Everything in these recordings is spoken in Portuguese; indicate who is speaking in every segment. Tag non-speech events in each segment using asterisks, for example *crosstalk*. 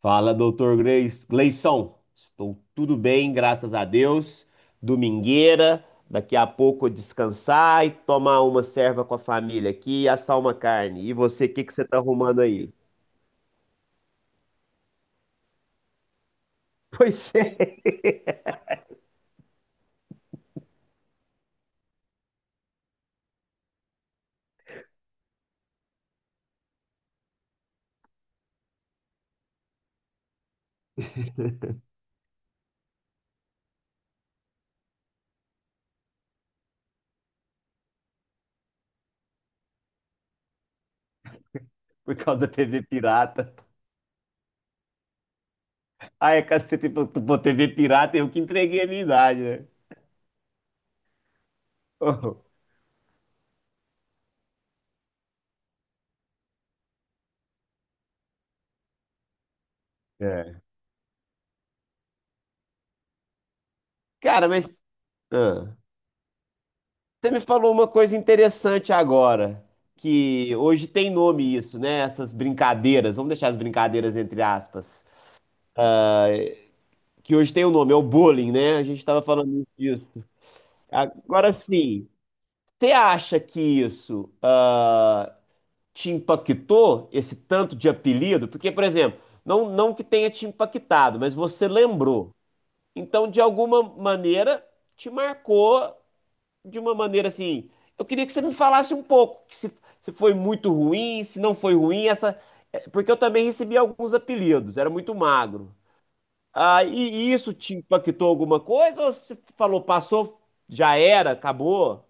Speaker 1: Fala, doutor Gleison. Estou tudo bem, graças a Deus. Domingueira, daqui a pouco eu descansar e tomar uma serva com a família aqui e assar uma carne. E você, o que que você tá arrumando aí? *laughs* Pois é, por causa da TV pirata. Ai, é cacete, pô, pô, TV pirata, eu que entreguei a minha idade, né? *laughs* Oh, é. Cara, mas ah, você me falou uma coisa interessante agora, que hoje tem nome isso, né? Essas brincadeiras, vamos deixar as brincadeiras entre aspas. Que hoje tem o nome, é o bullying, né? A gente estava falando disso. Agora sim, você acha que isso te impactou, esse tanto de apelido? Porque, por exemplo, não, não que tenha te impactado, mas você lembrou. Então, de alguma maneira, te marcou de uma maneira assim. Eu queria que você me falasse um pouco, que se foi muito ruim, se não foi ruim, essa. Porque eu também recebi alguns apelidos, era muito magro. E isso te impactou alguma coisa? Ou você falou, passou, já era, acabou?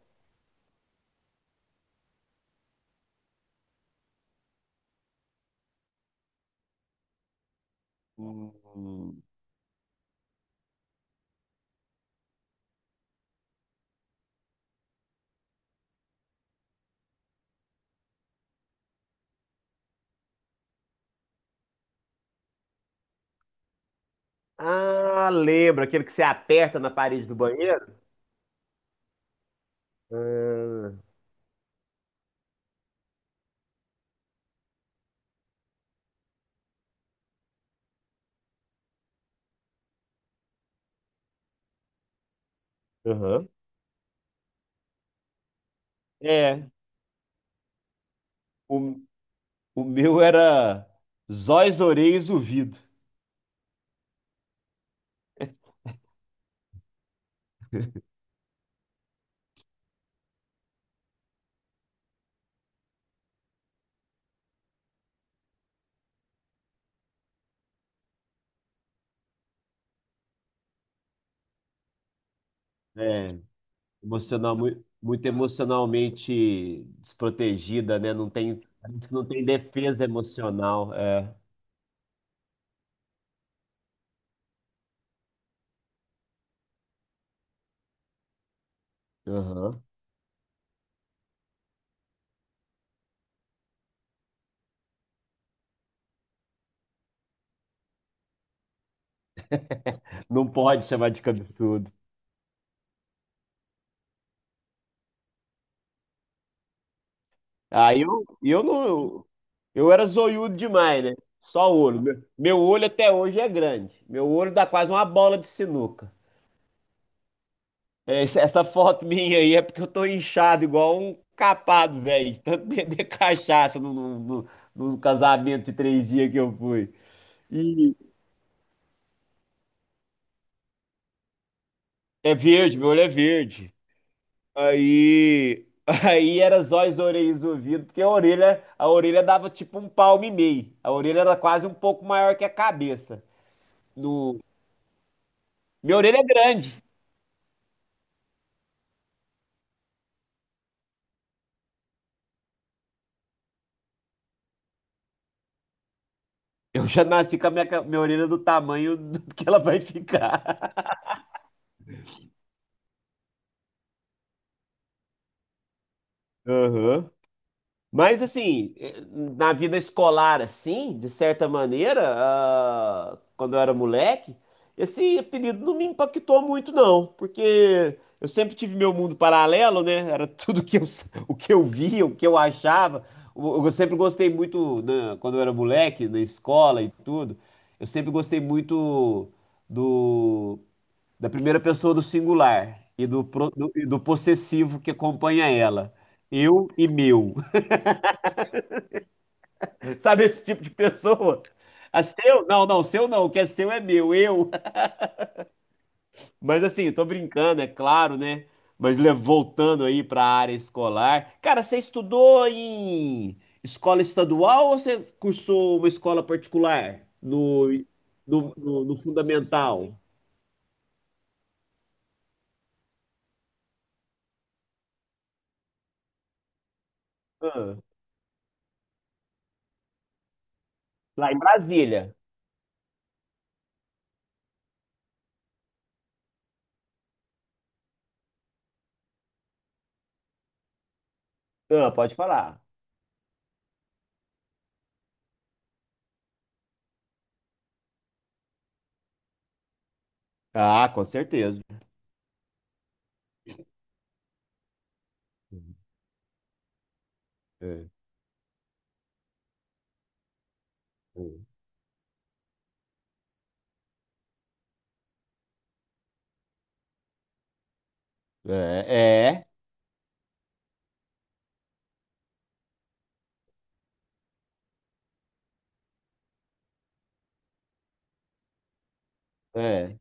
Speaker 1: Hum. Ah, lembra, aquele que você aperta na parede do banheiro? Ah, aham. É, o, o meu era Zóis, Orelhas, Ouvido. É, emocional, muito, emocionalmente desprotegida, né? Não tem defesa emocional. É. Aham. Não pode chamar de cabeçudo. Eu não. Eu era zoiudo demais, né? Só olho. Meu olho até hoje é grande. Meu olho dá quase uma bola de sinuca. É, essa foto minha aí é porque eu tô inchado igual um capado, velho. De tanto beber *laughs* cachaça no no casamento de três dias que eu fui. E é verde, meu olho é verde. Aí, *laughs* aí era zóio, orelhas, e ouvido, porque a orelha dava tipo um palmo e meio. A orelha era quase um pouco maior que a cabeça. Minha orelha é grande. Eu já nasci com a minha orelha do tamanho do *laughs* que ela vai ficar. *laughs* Aham. Mas assim, eh, na vida escolar, assim, de certa maneira, quando eu era moleque, esse apelido não me impactou muito, não, porque eu sempre tive meu mundo paralelo, né? Era *laughs* tudo que *laughs* o que eu via, o que eu achava. Eu sempre gostei muito, né, quando eu era moleque, na escola e tudo. Eu sempre gostei muito do da primeira pessoa do singular e do possessivo que acompanha ela. Eu e meu. *laughs* Sabe esse tipo de pessoa? A seu? Não, seu não. O que é seu é meu, eu. *laughs* Mas assim, tô brincando, é claro, né? Mas voltando aí para a área escolar. Cara, você estudou em escola estadual ou você cursou uma escola particular no no- fundamental? Ah, lá em Brasília. Ah, pode falar. Ah, com certeza. É, é, é. é.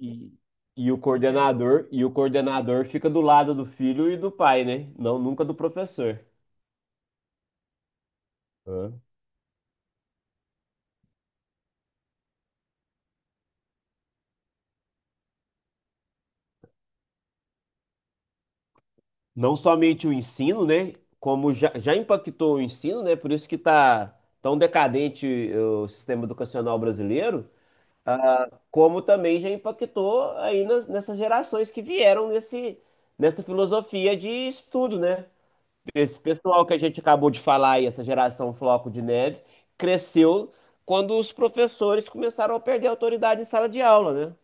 Speaker 1: E, e o coordenador fica do lado do filho e do pai, né? Não, nunca do professor. É. Não somente o ensino, né? Como já, já impactou o ensino, né? Por isso que tá tão decadente o sistema educacional brasileiro, como também já impactou aí nessas gerações que vieram nessa filosofia de estudo, né? Esse pessoal que a gente acabou de falar aí, essa geração floco de neve, cresceu quando os professores começaram a perder a autoridade em sala de aula, né?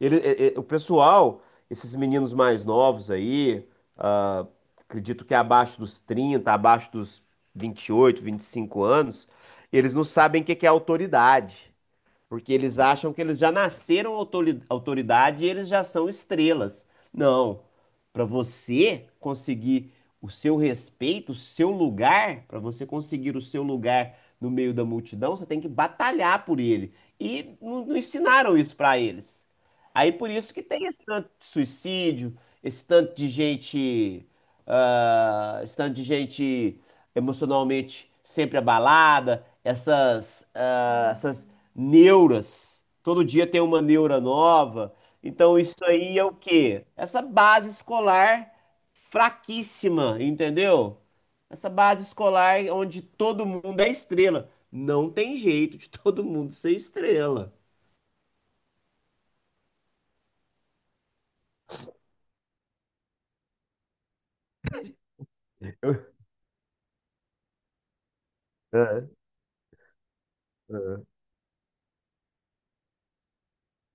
Speaker 1: O pessoal, esses meninos mais novos aí, ah, acredito que abaixo dos 30, abaixo dos vinte e oito, vinte e cinco anos, eles não sabem o que que é autoridade. Porque eles acham que eles já nasceram autoridade e eles já são estrelas. Não. Para você conseguir o seu respeito, o seu lugar, para você conseguir o seu lugar no meio da multidão, você tem que batalhar por ele. E não, não ensinaram isso para eles. Aí por isso que tem esse tanto de suicídio, esse tanto de gente, esse tanto de gente emocionalmente sempre abalada, essas neuras. Todo dia tem uma neura nova. Então isso aí é o quê? Essa base escolar fraquíssima, entendeu? Essa base escolar onde todo mundo é estrela. Não tem jeito de *laughs* todo mundo ser estrela. É.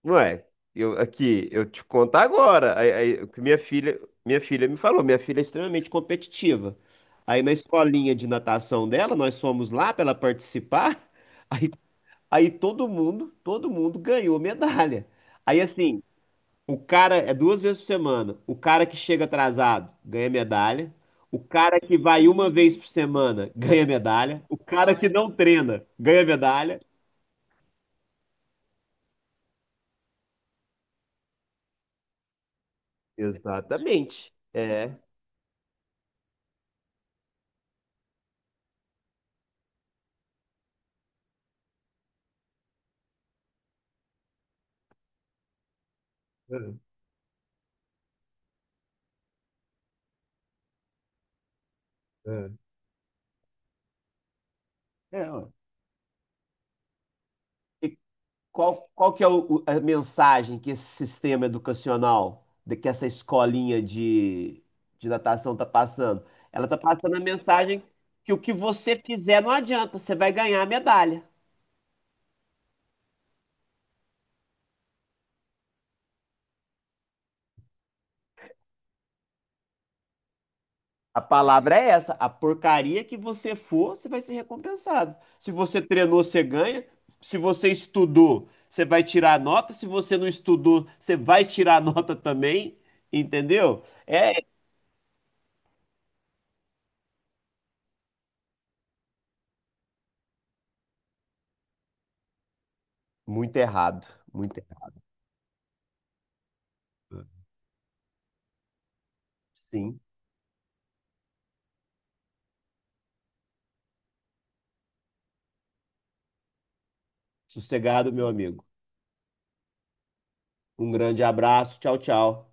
Speaker 1: Ué, eu, aqui, eu te conto agora. Aí, aí, o que minha filha me falou, minha filha é extremamente competitiva. Aí na escolinha de natação dela, nós fomos lá para ela participar. *laughs* Aí aí todo mundo ganhou medalha. Aí assim, o cara é duas vezes por semana. O cara que chega atrasado ganha medalha. O cara que vai uma vez por semana ganha medalha. O cara que não treina ganha medalha. Exatamente. É. É, é. É, ó. O qual, qual que é a mensagem que esse sistema educacional, que essa escolinha de natação está passando? Ela está passando a mensagem que o que você fizer não adianta, você vai ganhar a medalha. A palavra é essa, a porcaria que você for, você vai ser recompensado. Se você treinou, você ganha. Se você estudou, você vai tirar a nota. Se você não estudou, você vai tirar a nota também, entendeu? É muito errado, muito errado. Sim. Sossegado, meu amigo. Um grande abraço. Tchau, tchau.